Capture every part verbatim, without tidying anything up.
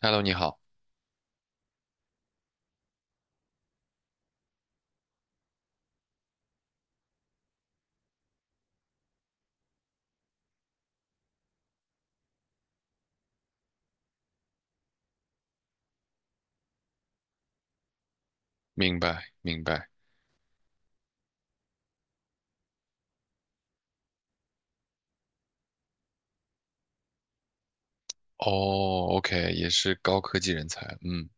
Hello，你好，明白明白。哦，OK，也是高科技人才，嗯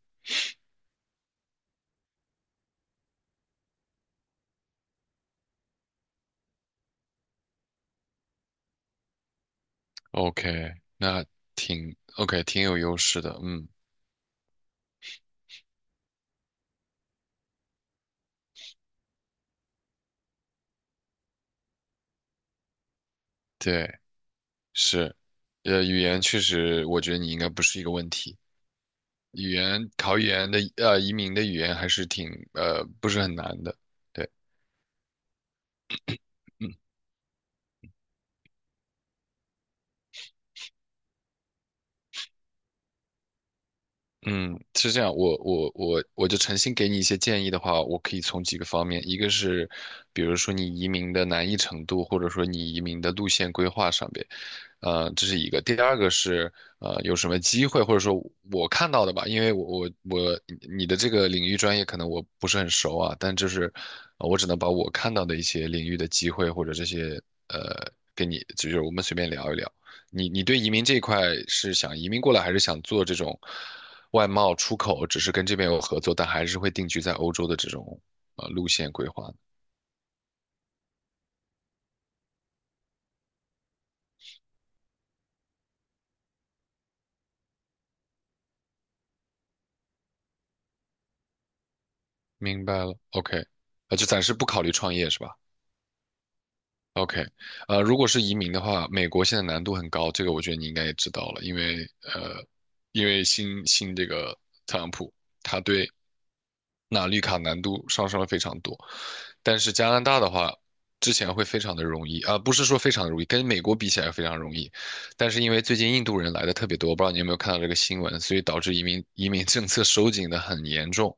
，OK，那挺 OK，挺有优势的，嗯，对，是，呃，语言确实，我觉得你应该不是一个问题。语言考语言的，呃，移民的语言还是挺，呃，不是很难的，对，嗯。嗯，是这样，我我我我就诚心给你一些建议的话，我可以从几个方面，一个是，比如说你移民的难易程度，或者说你移民的路线规划上边，呃，这是一个。第二个是，呃，有什么机会，或者说我看到的吧，因为我我我你的这个领域专业可能我不是很熟啊，但就是呃我只能把我看到的一些领域的机会或者这些呃给你，就是我们随便聊一聊。你你对移民这一块是想移民过来，还是想做这种？外贸出口只是跟这边有合作，但还是会定居在欧洲的这种呃路线规划的明白了，OK,呃，就暂时不考虑创业是吧？OK,呃，如果是移民的话，美国现在难度很高，这个我觉得你应该也知道了，因为呃，因为新新这个特朗普，他对那绿卡难度上升了非常多。但是加拿大的话，之前会非常的容易啊，不是说非常容易，跟美国比起来非常容易。但是因为最近印度人来的特别多，我不知道你有没有看到这个新闻，所以导致移民移民政策收紧的很严重。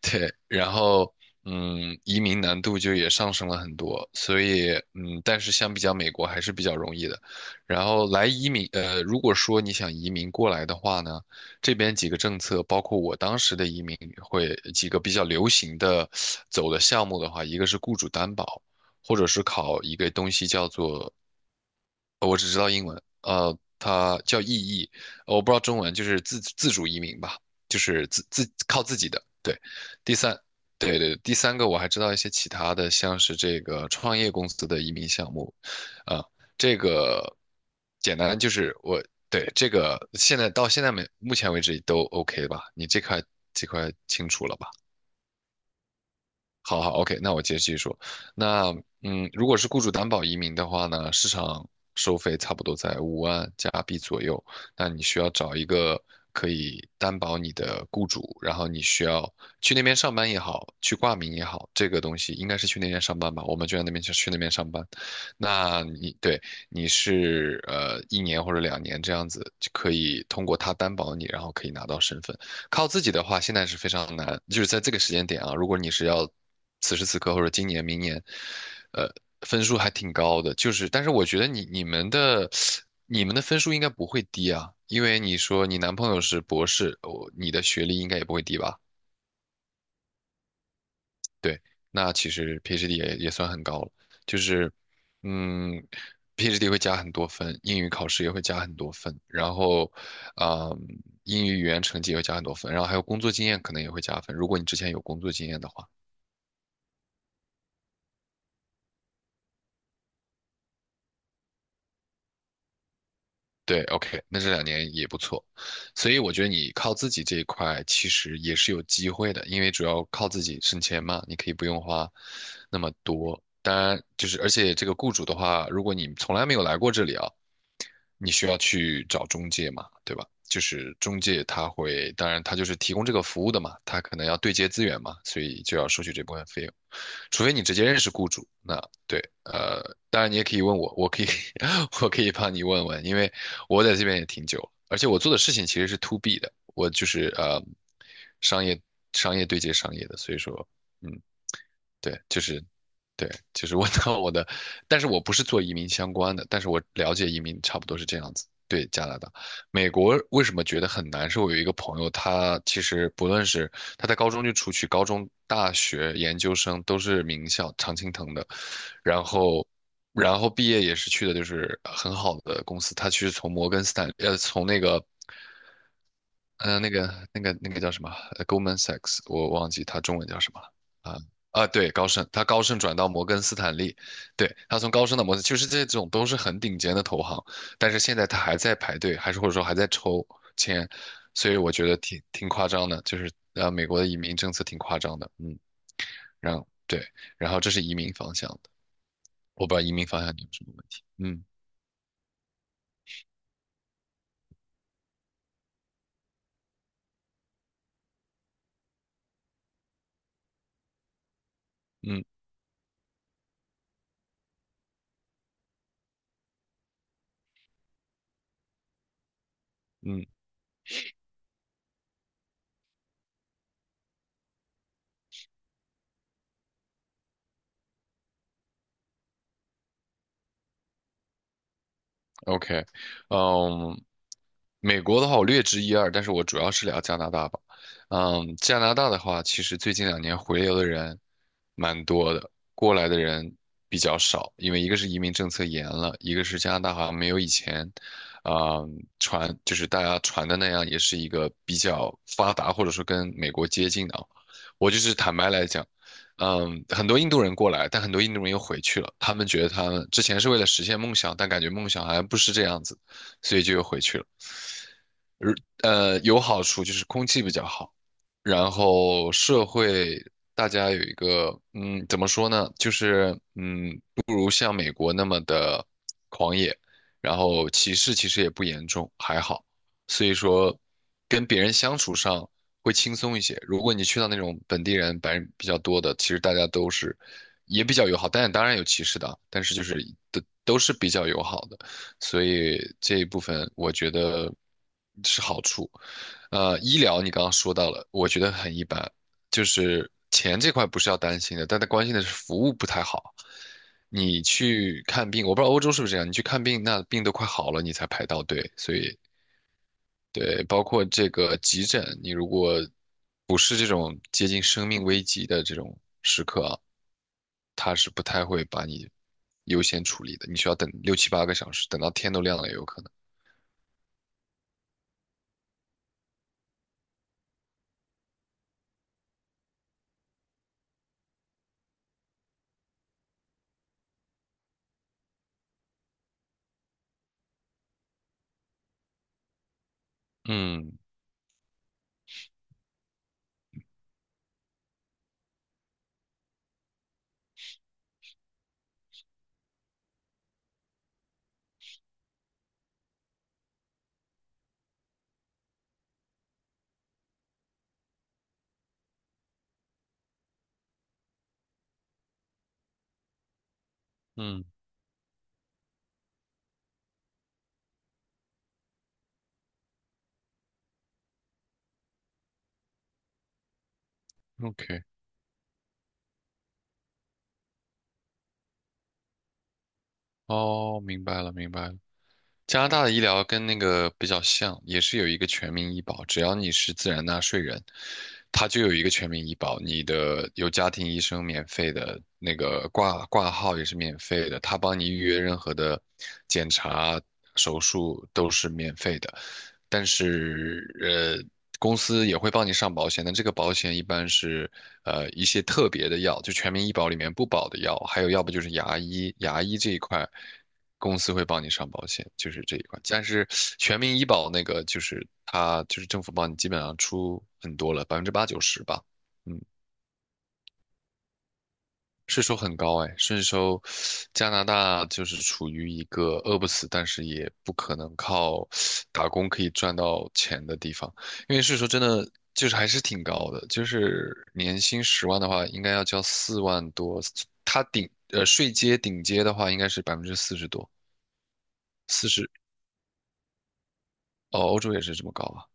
对，然后嗯，移民难度就也上升了很多，所以嗯，但是相比较美国还是比较容易的。然后来移民，呃，如果说你想移民过来的话呢，这边几个政策，包括我当时的移民会几个比较流行的走的项目的话，一个是雇主担保，或者是考一个东西叫做呃我只知道英文，呃，它叫意译，呃我不知道中文，就是自自主移民吧，就是自自靠自己的。对，第三，对对，第三个我还知道一些其他的，像是这个创业公司的移民项目，啊、这个简单就是我对这个现在到现在没目前为止都 OK 吧？你这块这块清楚了吧？好好，OK,那我接着继续说。那嗯，如果是雇主担保移民的话呢，市场收费差不多在五万加币左右。那你需要找一个可以担保你的雇主，然后你需要去那边上班也好，去挂名也好，这个东西应该是去那边上班吧？我们就在那边去去那边上班。那你对你是呃一年或者两年这样子，就可以通过他担保你，然后可以拿到身份。靠自己的话，现在是非常难，就是在这个时间点啊，如果你是要此时此刻或者今年、明年，呃，分数还挺高的，就是，但是我觉得你你们的你们的分数应该不会低啊，因为你说你男朋友是博士，我你的学历应该也不会低吧？对，那其实 PhD 也也算很高了，就是，嗯，PhD 会加很多分，英语考试也会加很多分，然后，啊、英语语言成绩也会加很多分，然后还有工作经验可能也会加分，如果你之前有工作经验的话，对，OK,那这两年也不错，所以我觉得你靠自己这一块其实也是有机会的，因为主要靠自己省钱嘛，你可以不用花那么多。当然，就是而且这个雇主的话，如果你从来没有来过这里啊。你需要去找中介嘛，对吧？就是中介他会，当然他就是提供这个服务的嘛，他可能要对接资源嘛，所以就要收取这部分费用，除非你直接认识雇主，那对，呃，当然你也可以问我，我可以 我可以帮你问问，因为我在这边也挺久了，而且我做的事情其实是 to B 的，我就是呃商业商业对接商业的，所以说。嗯，对，就是对，就是我到我的，但是我不是做移民相关的，但是我了解移民差不多是这样子。对加拿大、美国为什么觉得很难？是我有一个朋友，他其实不论是他在高中就出去，高中、大学、研究生都是名校常青藤的，然后，然后毕业也是去的就是很好的公司，他其实从摩根斯坦，呃，从那个呃，那个、那个、那个叫什么呃，Goldman Sachs,我忘记他中文叫什么了啊、啊，对，高盛，他高盛转到摩根斯坦利，对，他从高盛到摩根，就是这种都是很顶尖的投行，但是现在他还在排队，还是或者说还在抽签，所以我觉得挺挺夸张的，就是呃，美国的移民政策挺夸张的，嗯，然后对，然后这是移民方向的，我不知道移民方向你有什么问题，嗯嗯嗯。OK,嗯，美国的话我略知一二，但是我主要是聊加拿大吧。嗯，加拿大的话，其实最近两年回流的人蛮多的，过来的人比较少，因为一个是移民政策严了，一个是加拿大好像没有以前，啊、传就是大家传的那样，也是一个比较发达或者说跟美国接近的啊。我就是坦白来讲。嗯，很多印度人过来，但很多印度人又回去了。他们觉得他们之前是为了实现梦想，但感觉梦想好像不是这样子，所以就又回去了。而呃，有好处就是空气比较好，然后社会大家有一个，嗯，怎么说呢？就是嗯，不如像美国那么的狂野，然后歧视其实也不严重，还好。所以说，跟别人相处上会轻松一些。如果你去到那种本地人、白人比较多的，其实大家都是也比较友好，但当然有歧视的啊但是就是都都是比较友好的，所以这一部分我觉得是好处。呃，医疗你刚刚说到了，我觉得很一般，就是钱这块不是要担心的，但他关心的是服务不太好。你去看病，我不知道欧洲是不是这样，你去看病，那病都快好了，你才排到队，所以对，包括这个急诊，你如果不是这种接近生命危急的这种时刻啊，他是不太会把你优先处理的，你需要等六七八个小时，等到天都亮了也有可能。嗯嗯，OK,哦，明白了，明白了。加拿大的医疗跟那个比较像，也是有一个全民医保，只要你是自然纳税人，他就有一个全民医保。你的有家庭医生免费的，那个挂挂号也是免费的，他帮你预约任何的检查、手术都是免费的。但是呃，公司也会帮你上保险，但这个保险一般是呃一些特别的药，就全民医保里面不保的药，还有要不就是牙医，牙医这一块公司会帮你上保险，就是这一块。但是全民医保那个就是它就是政府帮你基本上出很多了，百分之八九十吧。嗯。税收很高哎，税收，加拿大就是处于一个饿不死，但是也不可能靠打工可以赚到钱的地方，因为税收真的就是还是挺高的，就是年薪十万的话，应该要交四万多，它顶呃税阶顶阶的话应该是百分之四十多，四十哦，欧洲也是这么高吧？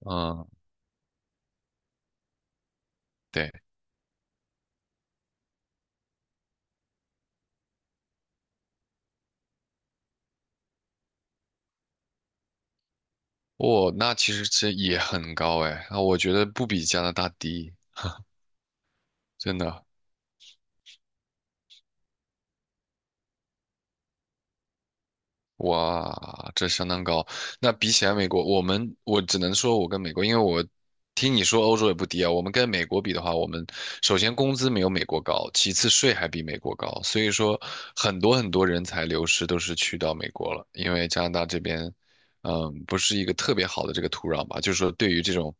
嗯，对，哦，那其实这也很高哎，那我觉得不比加拿大低，真的。哇，这相当高。那比起来，美国，我们我只能说，我跟美国，因为我听你说欧洲也不低啊。我们跟美国比的话，我们首先工资没有美国高，其次税还比美国高，所以说很多很多人才流失都是去到美国了，因为加拿大这边，嗯，不是一个特别好的这个土壤吧，就是说对于这种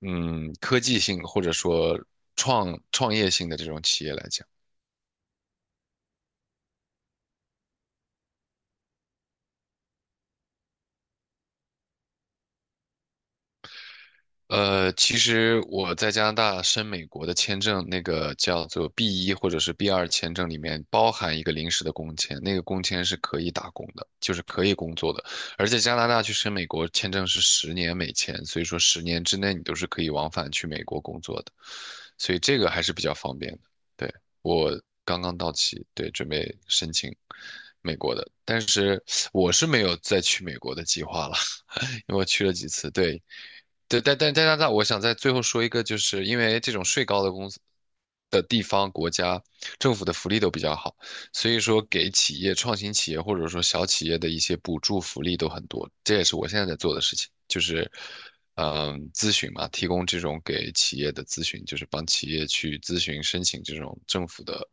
嗯科技性或者说创创业性的这种企业来讲。呃，其实我在加拿大申美国的签证，那个叫做 b 一或者是 b 二签证里面包含一个临时的工签，那个工签是可以打工的，就是可以工作的。而且加拿大去申美国签证是十年美签，所以说十年之内你都是可以往返去美国工作的，所以这个还是比较方便的。对，我刚刚到期，对，准备申请美国的，但是我是没有再去美国的计划了。因为我去了几次，对，对，但但但但但，我想在最后说一个，就是因为这种税高的公司的地方、国家、政府的福利都比较好，所以说给企业、创新企业或者说小企业的一些补助福利都很多。这也是我现在在做的事情，就是嗯，咨询嘛，提供这种给企业的咨询，就是帮企业去咨询申请这种政府的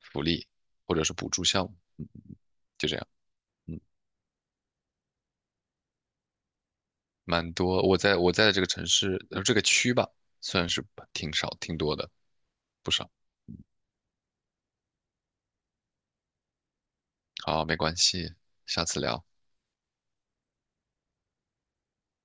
福利或者是补助项目，嗯就这样。嗯。蛮多。我在我在的这个城市，呃，这个区吧，算是挺少，挺多的，不少。好，没关系，下次聊。